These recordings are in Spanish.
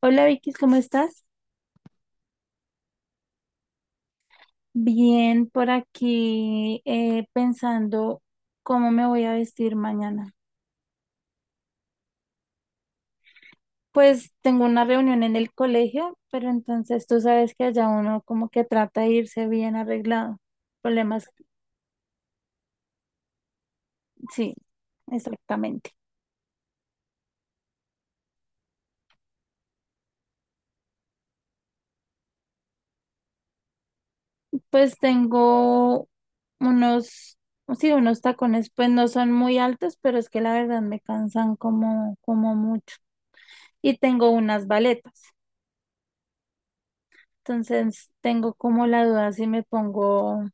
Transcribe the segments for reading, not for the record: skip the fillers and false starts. Hola Vicky, ¿cómo estás? Bien, por aquí pensando cómo me voy a vestir mañana. Pues tengo una reunión en el colegio, pero entonces tú sabes que allá uno como que trata de irse bien arreglado. Problemas, sí, exactamente. Pues tengo unos, sí, unos tacones, pues no son muy altos, pero es que la verdad me cansan como mucho. Y tengo unas baletas. Entonces tengo como la duda si me pongo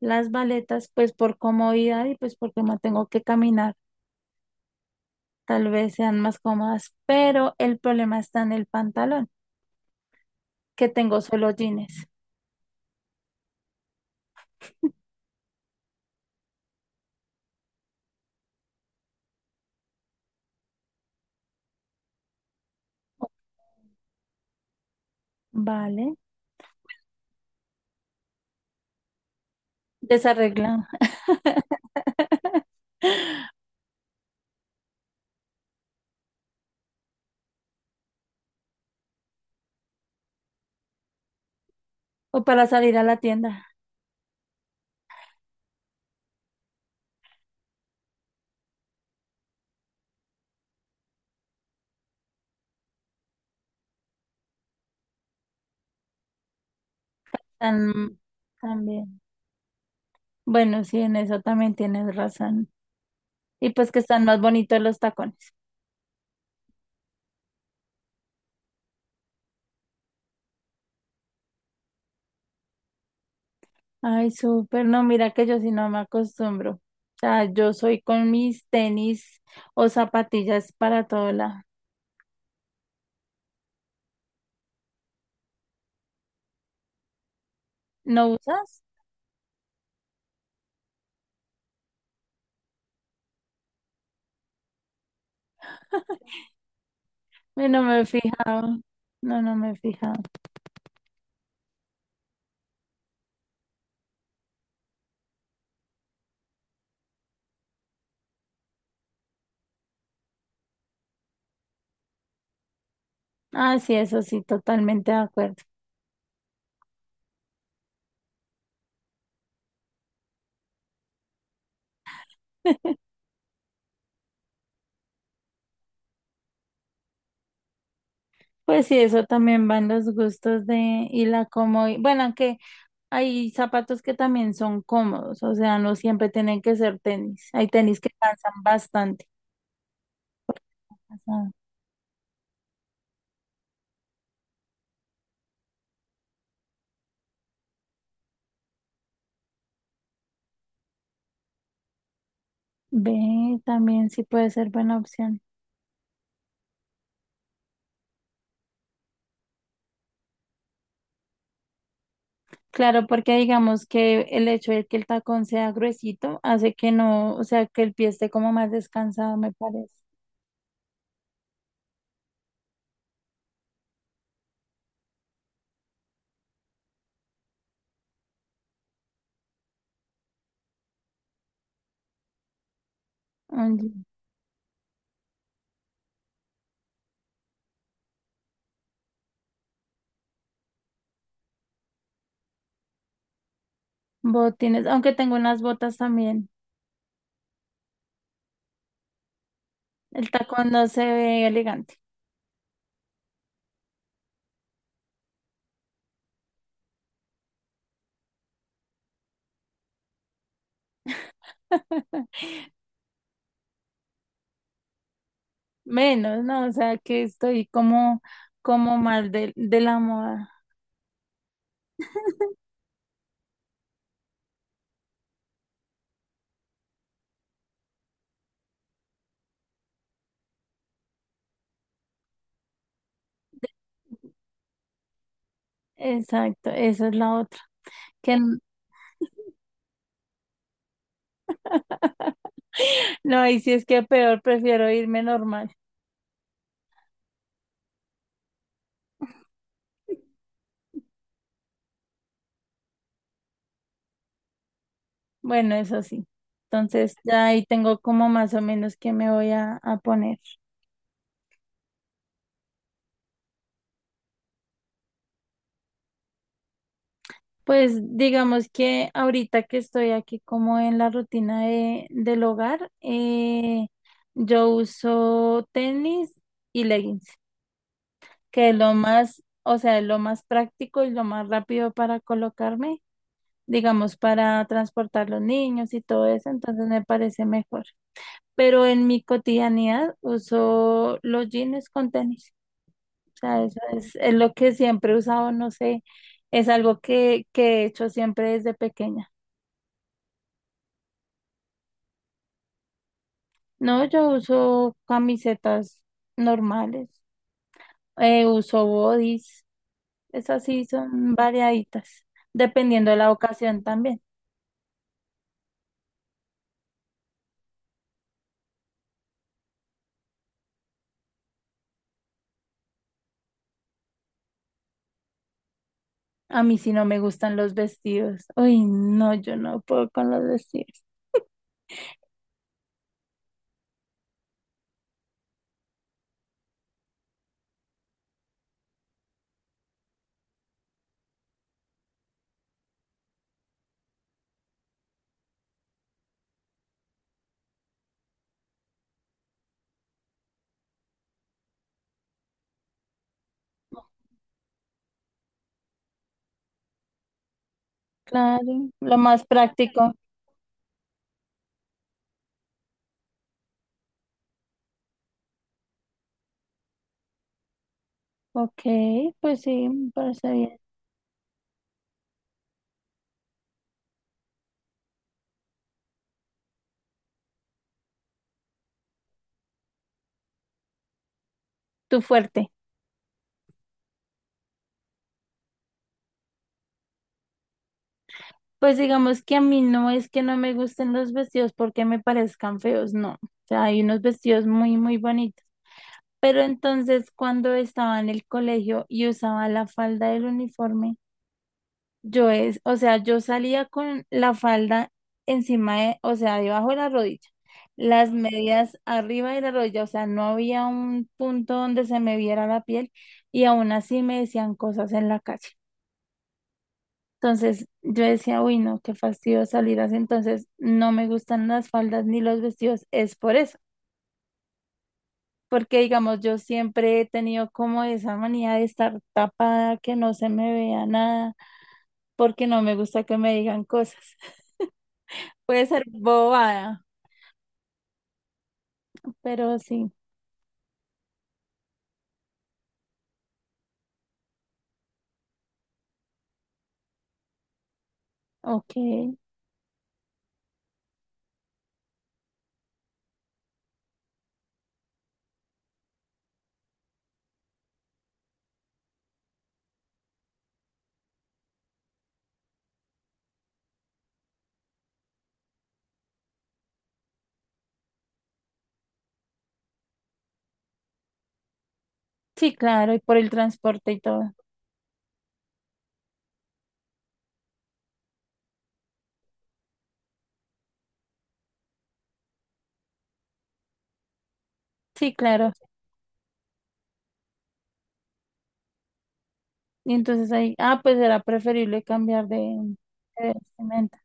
las baletas, pues por comodidad y pues porque no tengo que caminar, tal vez sean más cómodas, pero el problema está en el pantalón, que tengo solo jeans. Vale, desarreglado. O para salir a la tienda, tan- también. Bueno, sí, en eso también tienes razón. Y pues que están más bonitos los tacones. Ay, súper, no, mira que yo sí no me acostumbro. O sea, yo soy con mis tenis o zapatillas para todo lado. ¿No usas? Ay, no me he fijado. No, no me he fijado. Ah, sí, eso sí, totalmente de acuerdo. Pues sí, eso también van los gustos de y la comodidad. Bueno, aunque hay zapatos que también son cómodos, o sea, no siempre tienen que ser tenis. Hay tenis que cansan bastante. O sea, ve, también sí puede ser buena opción. Claro, porque digamos que el hecho de que el tacón sea gruesito hace que no, o sea, que el pie esté como más descansado, me parece. Oye, botines, aunque tengo unas botas también. El tacón no se ve elegante. Menos, ¿no? O sea, que estoy como, como mal de la moda. Exacto, esa es la otra. Que n- no, ahí sí es que peor, prefiero irme normal. Bueno, eso sí. Entonces, ya ahí tengo como más o menos que me voy a poner. Pues digamos que ahorita que estoy aquí como en la rutina de, del hogar, yo uso tenis y leggings, que es lo más, o sea, es lo más práctico y lo más rápido para colocarme, digamos, para transportar los niños y todo eso, entonces me parece mejor. Pero en mi cotidianidad uso los jeans con tenis, o sea, eso es lo que siempre he usado, no sé, es algo que he hecho siempre desde pequeña. No, yo uso camisetas normales, uso bodys, esas sí son variaditas, dependiendo de la ocasión también. A mí sí no me gustan los vestidos. Uy, no, yo no puedo con los vestidos. Claro, lo más práctico. Ok, pues sí, me parece bien. Tu fuerte. Pues digamos que a mí no es que no me gusten los vestidos porque me parezcan feos, no. O sea, hay unos vestidos muy, muy bonitos. Pero entonces cuando estaba en el colegio y usaba la falda del uniforme, yo es, o sea, yo salía con la falda encima de, o sea, debajo de la rodilla, las medias arriba de la rodilla, o sea, no había un punto donde se me viera la piel y aún así me decían cosas en la calle. Entonces yo decía, uy, no, qué fastidio salir así, entonces no me gustan las faldas ni los vestidos, es por eso. Porque, digamos, yo siempre he tenido como esa manía de estar tapada, que no se me vea nada, porque no me gusta que me digan cosas. Puede ser bobada, pero sí, ok. Sí, claro, y por el transporte y todo. Sí, claro. Y entonces ahí, ah, pues era preferible cambiar de vestimenta.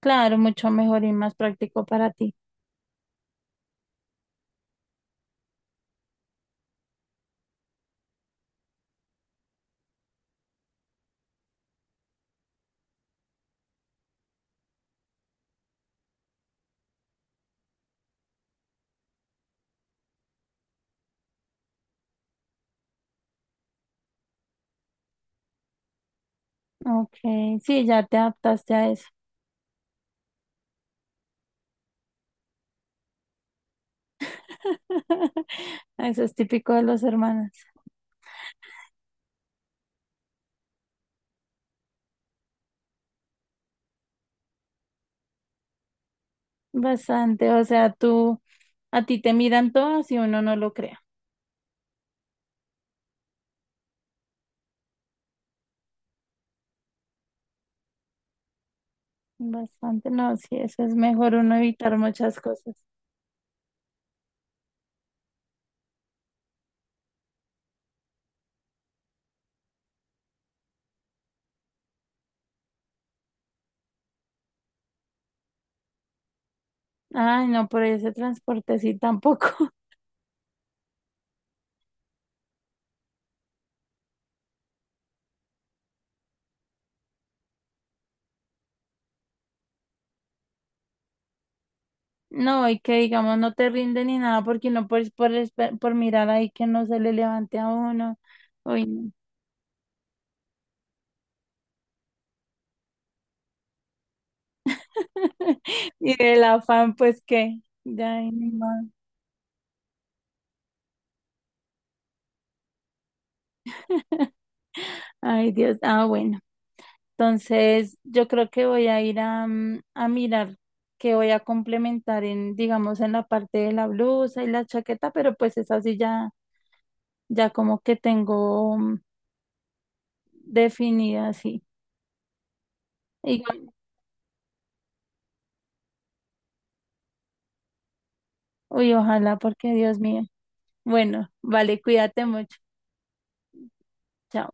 Claro, mucho mejor y más práctico para ti. Ok, sí, ya te adaptaste a eso. Eso es típico de los hermanos. Bastante, o sea, tú, a ti te miran todos y uno no lo crea. Bastante, no, sí, eso es mejor uno evitar muchas cosas. Ay, no, por ese transporte sí tampoco. No, y que digamos no te rinde ni nada porque no por mirar ahí que no se le levante a uno. Uy, no. Y el afán, pues que, ya, ay, ni modo. Ay, Dios, ah, bueno. Entonces, yo creo que voy a ir a, a mirar qué voy a complementar en, digamos, en la parte de la blusa y la chaqueta, pero pues es así ya, ya como que tengo definida así. Y, uy, ojalá, porque Dios mío. Bueno, vale, cuídate mucho. Chao.